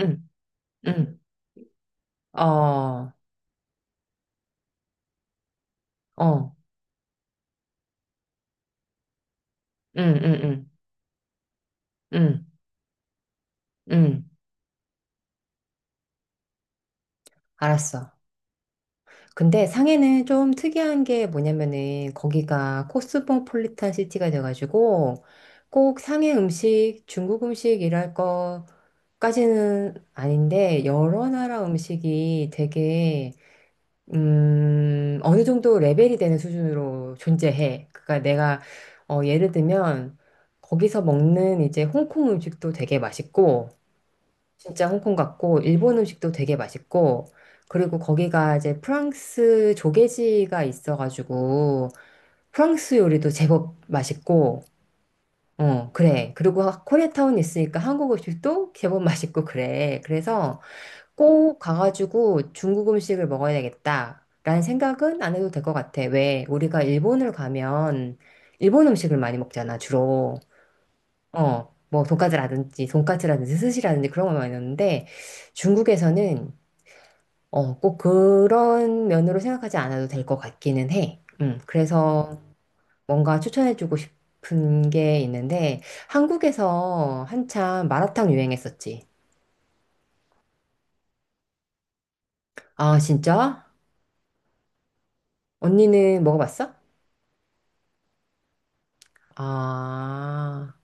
응, 응, 어, 어, 응, 응, 응, 응, 응, 알았어. 근데 상해는 좀 특이한 게 뭐냐면은 거기가 코스모폴리탄 시티가 돼가지고 꼭 상해 음식, 중국 음식 이랄 거까지는 아닌데 여러 나라 음식이 되게 어느 정도 레벨이 되는 수준으로 존재해. 그러니까 내가 예를 들면 거기서 먹는 이제 홍콩 음식도 되게 맛있고 진짜 홍콩 같고 일본 음식도 되게 맛있고 그리고 거기가 이제 프랑스 조개지가 있어가지고 프랑스 요리도 제법 맛있고 어 그래 그리고 코리아타운 있으니까 한국 음식도 제법 맛있고 그래 그래서 꼭 가가지고 중국 음식을 먹어야 겠다 라는 생각은 안 해도 될 것 같아. 왜 우리가 일본을 가면 일본 음식을 많이 먹잖아 주로. 어, 뭐 돈까스라든지 스시라든지 그런 걸 많이 넣는데 중국에서는 꼭 그런 면으로 생각하지 않아도 될 것 같기는 해. 그래서 뭔가 추천해주고 싶은 게 있는데 한국에서 한참 마라탕 유행했었지. 아, 진짜? 언니는 먹어봤어? 아,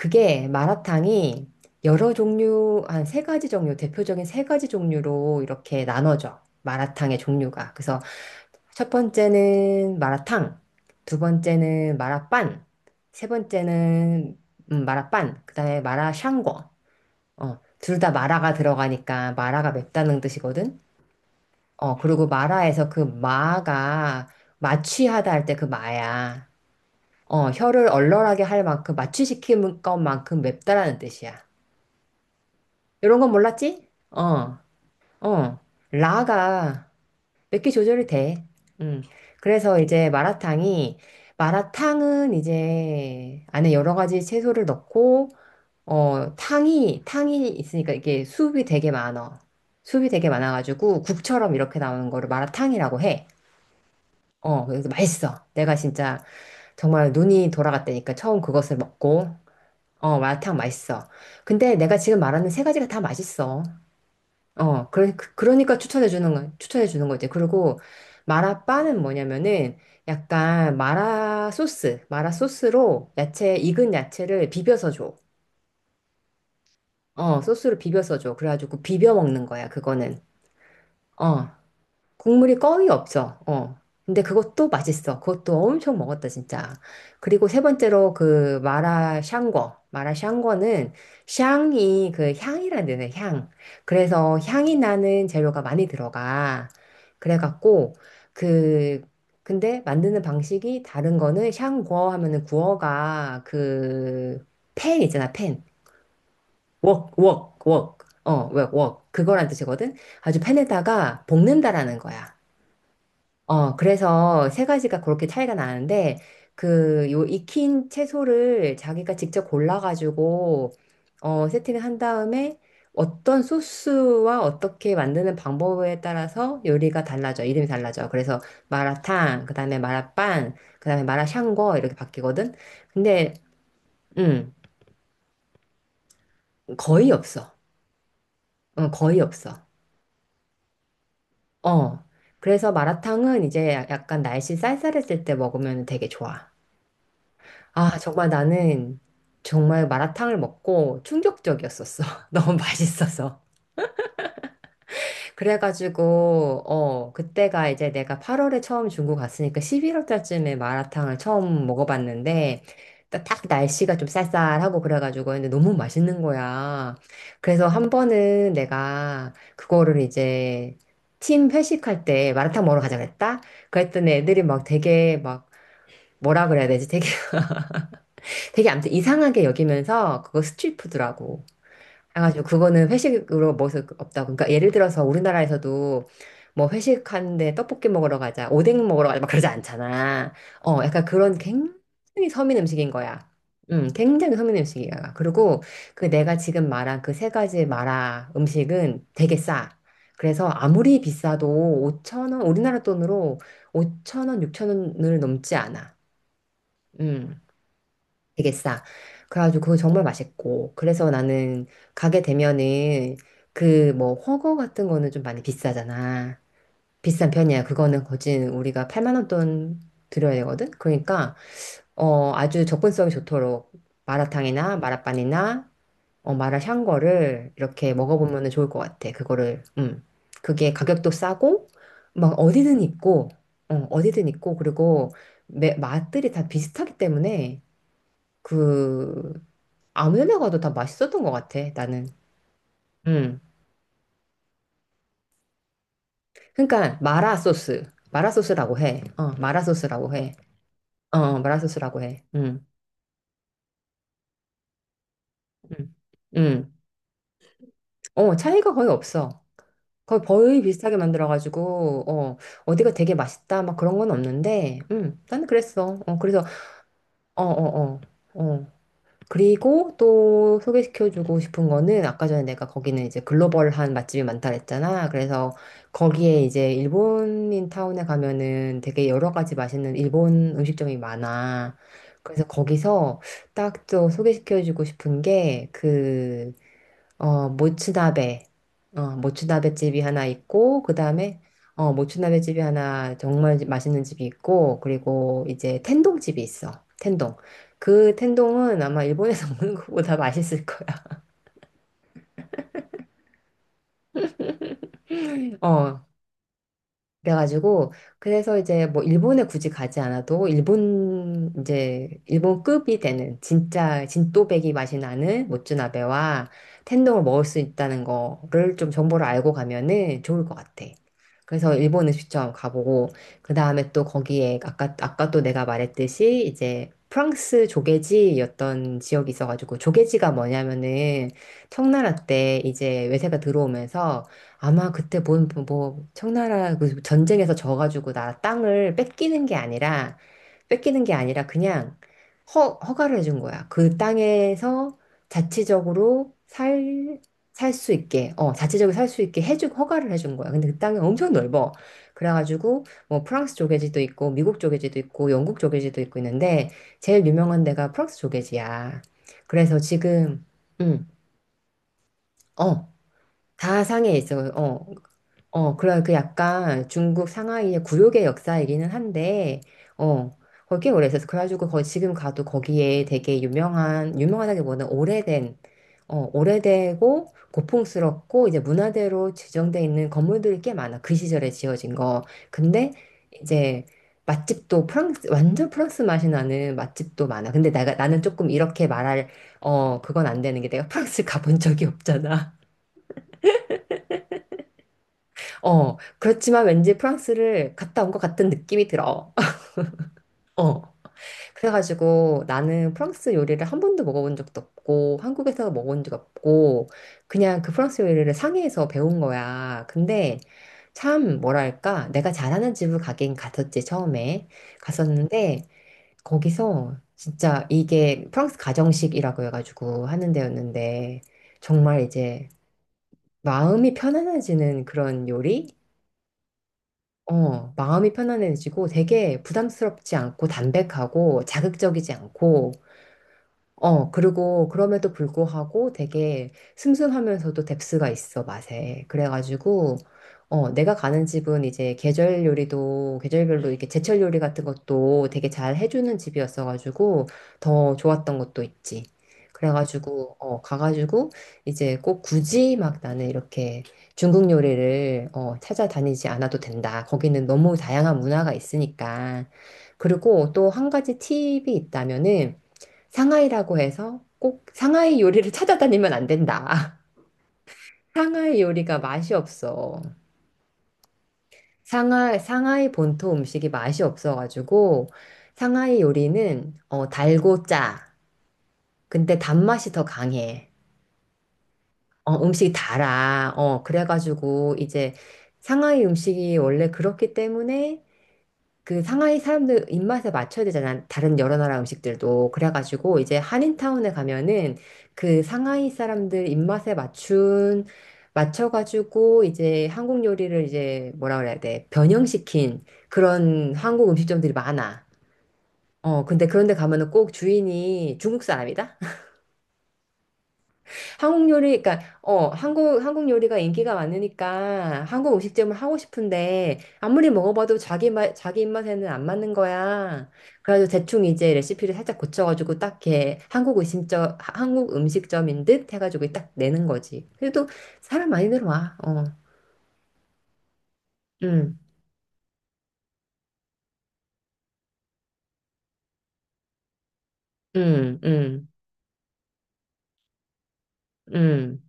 그게 마라탕이 여러 종류, 한 세 가지 종류, 대표적인 세 가지 종류로 이렇게 나눠져. 마라탕의 종류가. 그래서 첫 번째는 마라탕, 두 번째는 마라빵, 세 번째는 마라빵, 그다음에 마라샹궈. 어, 둘 다 마라가 들어가니까 마라가 맵다는 뜻이거든. 어, 그리고 마라에서 그 마가 마취하다 할 때 그 마야. 어, 혀를 얼얼하게 할 만큼 마취시키는 것만큼 맵다라는 뜻이야. 이런 건 몰랐지? 어, 어. 라가 몇 개 조절이 돼. 음. 그래서 이제 마라탕은 이제 안에 여러 가지 채소를 넣고, 어, 탕이 있으니까 이게 수분이 되게 많아. 수분이 되게 많아가지고 국처럼 이렇게 나오는 거를 마라탕이라고 해. 어, 그래서 맛있어. 내가 진짜 정말 눈이 돌아갔다니까 처음 그것을 먹고, 어, 마라탕 맛있어. 근데 내가 지금 말하는 세 가지가 다 맛있어. 어, 그러니까 추천해 주는 거지. 그리고 마라빠는 뭐냐면은 약간 마라 소스로 야채, 익은 야채를 비벼서 줘. 어, 소스로 비벼서 줘. 그래가지고 비벼 먹는 거야, 그거는. 어, 국물이 거의 없어. 어. 근데 그것도 맛있어. 그것도 엄청 먹었다, 진짜. 그리고 세 번째로 그 마라 샹궈. 마라 샹궈는 샹이 그 향이란 데는 향. 그래서 향이 나는 재료가 많이 들어가. 그래갖고 그 근데 만드는 방식이 다른 거는 샹궈 하면은 구어가 그 팬 있잖아, 팬. 웍. 어, 웍. 그거란 뜻이거든. 아주 팬에다가 볶는다라는 거야. 어, 그래서 세 가지가 그렇게 차이가 나는데, 그, 요 익힌 채소를 자기가 직접 골라가지고, 어, 세팅을 한 다음에 어떤 소스와 어떻게 만드는 방법에 따라서 요리가 달라져. 이름이 달라져. 그래서 마라탕, 그 다음에 마라빵, 그 다음에 마라샹궈 이렇게 바뀌거든. 근데, 음, 거의 없어. 어, 거의 없어. 어. 그래서 마라탕은 이제 약간 날씨 쌀쌀했을 때 먹으면 되게 좋아. 아, 정말 마라탕을 먹고 충격적이었었어. 너무 맛있어서. 그래가지고, 어, 그때가 이제 내가 8월에 처음 중국 갔으니까 11월 달쯤에 마라탕을 처음 먹어봤는데, 딱 날씨가 좀 쌀쌀하고 그래가지고 근데 너무 맛있는 거야. 그래서 한 번은 내가 그거를 이제 팀 회식할 때 마라탕 먹으러 가자 그랬다? 그랬더니 애들이 막 되게 막 뭐라 그래야 되지? 되게 아무튼 이상하게 여기면서 그거 스트릿푸드라고 해가지고 그거는 회식으로 먹을 수 없다고. 그러니까 예를 들어서 우리나라에서도 뭐 회식하는데 떡볶이 먹으러 가자 오뎅 먹으러 가자 막 그러지 않잖아. 어 약간 그런 굉장히 서민 음식인 거야. 굉장히 서민 음식이야. 그리고 그 내가 지금 말한 그 세 가지 마라 음식은 되게 싸. 그래서 아무리 비싸도 5천 원 우리나라 돈으로 5천 원 6천 원을 넘지 않아. 음. 되게 싸. 그래가지고 그거 정말 맛있고. 그래서 나는 가게 되면은 그 뭐훠거 같은 거는 좀 많이 비싸잖아. 비싼 편이야. 그거는 거진 우리가 8만 원 돈 들여야 되거든. 그러니까 어 아주 접근성이 좋도록 마라탕이나 마라빵이나 어 마라샹궈를 이렇게 먹어보면은 좋을 것 같아. 그거를 그게 가격도 싸고 막 어디든 있고 어 어디든 있고 그리고 맛들이 다 비슷하기 때문에. 그 아무 데 먹어도 다 맛있었던 것 같아, 나는. 음. 그러니까 마라 소스. 마라 소스라고 해. 어, 마라 소스라고 해. 어, 어, 마라 소스라고 해. 음. 음. 음. 어, 차이가 거의 없어. 거의 거의 비슷하게 만들어가지고, 어, 어디가 되게 맛있다, 막 그런 건 없는데, 나는 그랬어. 어, 그래서, 어, 어, 어, 어. 그리고 또 소개시켜주고 싶은 거는 아까 전에 내가 거기는 이제 글로벌한 맛집이 많다 그랬잖아. 그래서 거기에 이제 일본인 타운에 가면은 되게 여러 가지 맛있는 일본 음식점이 많아. 그래서 거기서 딱 또 소개시켜주고 싶은 게그 어, 모츠나베. 어, 모츠나베 집이 하나 있고, 그 다음에, 어, 모츠나베 집이 하나 정말 맛있는 집이 있고, 그리고 이제 텐동 집이 있어. 텐동. 그 텐동은 아마 일본에서 먹는 것보다 맛있을 거야. 어, 그래가지고 그래서 이제 뭐 일본에 굳이 가지 않아도 일본 이제 일본급이 되는 진짜 진또배기 맛이 나는 모츠나베와 텐동을 먹을 수 있다는 거를 좀 정보를 알고 가면은 좋을 것 같아. 그래서 일본 음식점 가보고 그 다음에 또 거기에 아까 아까 또 내가 말했듯이 이제 프랑스 조개지였던 지역이 있어가지고 조개지가 뭐냐면은 청나라 때 이제 외세가 들어오면서 아마 그때 뭐 청나라 그 전쟁에서 져가지고 나 땅을 뺏기는 게 아니라, 그냥 허가를 해준 거야. 그 땅에서 자치적으로 살, 살 수 있게, 어, 자치적으로 살 수 있게 해주고 허가를 해준 거야. 근데 그 땅이 엄청 넓어. 그래가지고 뭐 프랑스 조개지도 있고, 미국 조개지도 있고, 영국 조개지도 있고 있는데, 제일 유명한 데가 프랑스 조개지야. 그래서 지금, 음, 어, 다 상해 있어. 어, 어, 그런 그 약간 중국 상하이의 구욕의 역사이기는 한데, 어, 거기 꽤 오래 있었어. 그래가지고 거기 지금 가도 거기에 되게 유명하다기보다는 오래된, 어, 오래되고 고풍스럽고 이제 문화대로 지정돼 있는 건물들이 꽤 많아. 그 시절에 지어진 거. 근데 이제 완전 프랑스 맛이 나는 맛집도 많아. 근데 나는 조금 이렇게 그건 안 되는 게 내가 프랑스 가본 적이 없잖아. 어, 그렇지만 왠지 프랑스를 갔다 온 것 같은 느낌이 들어. 어. 그래가지고 나는 프랑스 요리를 한 번도 먹어본 적도 없고, 한국에서 먹어본 적 없고, 그냥 그 프랑스 요리를 상해에서 배운 거야. 근데 참, 뭐랄까, 내가 잘하는 집을 가긴 갔었지, 처음에. 갔었는데, 거기서 진짜 이게 프랑스 가정식이라고 해가지고 하는 데였는데, 정말 이제 마음이 편안해지는 그런 요리? 어, 마음이 편안해지고 되게 부담스럽지 않고 담백하고 자극적이지 않고 어, 그리고 그럼에도 불구하고 되게 슴슴하면서도 뎁스가 있어, 맛에. 그래가지고, 어, 내가 가는 집은 이제 계절별로 이렇게 제철 요리 같은 것도 되게 잘 해주는 집이었어가지고 더 좋았던 것도 있지. 그래가지고, 어, 가가지고 이제 꼭 굳이 막 나는 이렇게 중국 요리를, 어, 찾아다니지 않아도 된다. 거기는 너무 다양한 문화가 있으니까. 그리고 또 한 가지 팁이 있다면은 상하이라고 해서 꼭 상하이 요리를 찾아다니면 안 된다. 상하이 요리가 맛이 없어. 상하이 본토 음식이 맛이 없어가지고 상하이 요리는 어, 달고 짜. 근데 단맛이 더 강해. 어, 음식이 달아. 어, 그래가지고 이제 상하이 음식이 원래 그렇기 때문에 그 상하이 사람들 입맛에 맞춰야 되잖아. 다른 여러 나라 음식들도. 그래가지고 이제 한인타운에 가면은 그 상하이 사람들 입맛에 맞춘, 맞춰가지고 이제 한국 요리를 이제 뭐라 그래야 돼. 변형시킨 그런 한국 음식점들이 많아. 어, 근데 그런데 가면은 꼭 주인이 중국 사람이다? 한국 요리, 그러니까 어 한국 요리가 인기가 많으니까 한국 음식점을 하고 싶은데 아무리 먹어봐도 자기 맛 자기 입맛에는 안 맞는 거야. 그래서 대충 이제 레시피를 살짝 고쳐가지고 딱 이렇게 한국 음식점인 듯 해가지고 딱 내는 거지. 그래도 사람 많이 들어와. 어, 음, 음, 음, 음.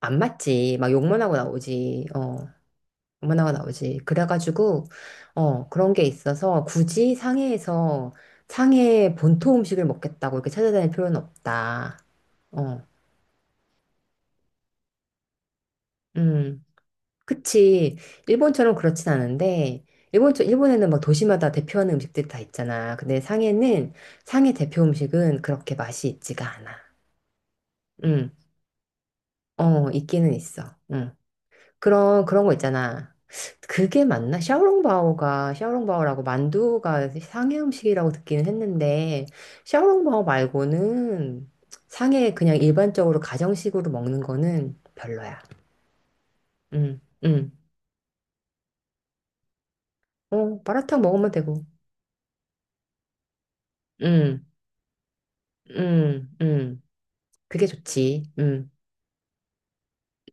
안 맞지. 막 욕만 하고 나오지. 어, 만화가 나오지. 그래가지고, 어, 그런 게 있어서 굳이 상해에서 상해 본토 음식을 먹겠다고 이렇게 찾아다닐 필요는 없다. 어, 음, 그치. 일본처럼 그렇진 않은데, 일본에는 막 도시마다 대표하는 음식들이 다 있잖아. 근데 상해 대표 음식은 그렇게 맛이 있지가 않아. 음, 어, 있기는 있어. 음. 그런 거 있잖아. 그게 맞나? 샤오롱바오라고 만두가 상해 음식이라고 듣기는 했는데, 샤오롱바오 말고는 상해 그냥 일반적으로 가정식으로 먹는 거는 별로야. 응, 응. 어, 마라탕 먹으면 되고. 응, 응, 응. 그게 좋지. 응.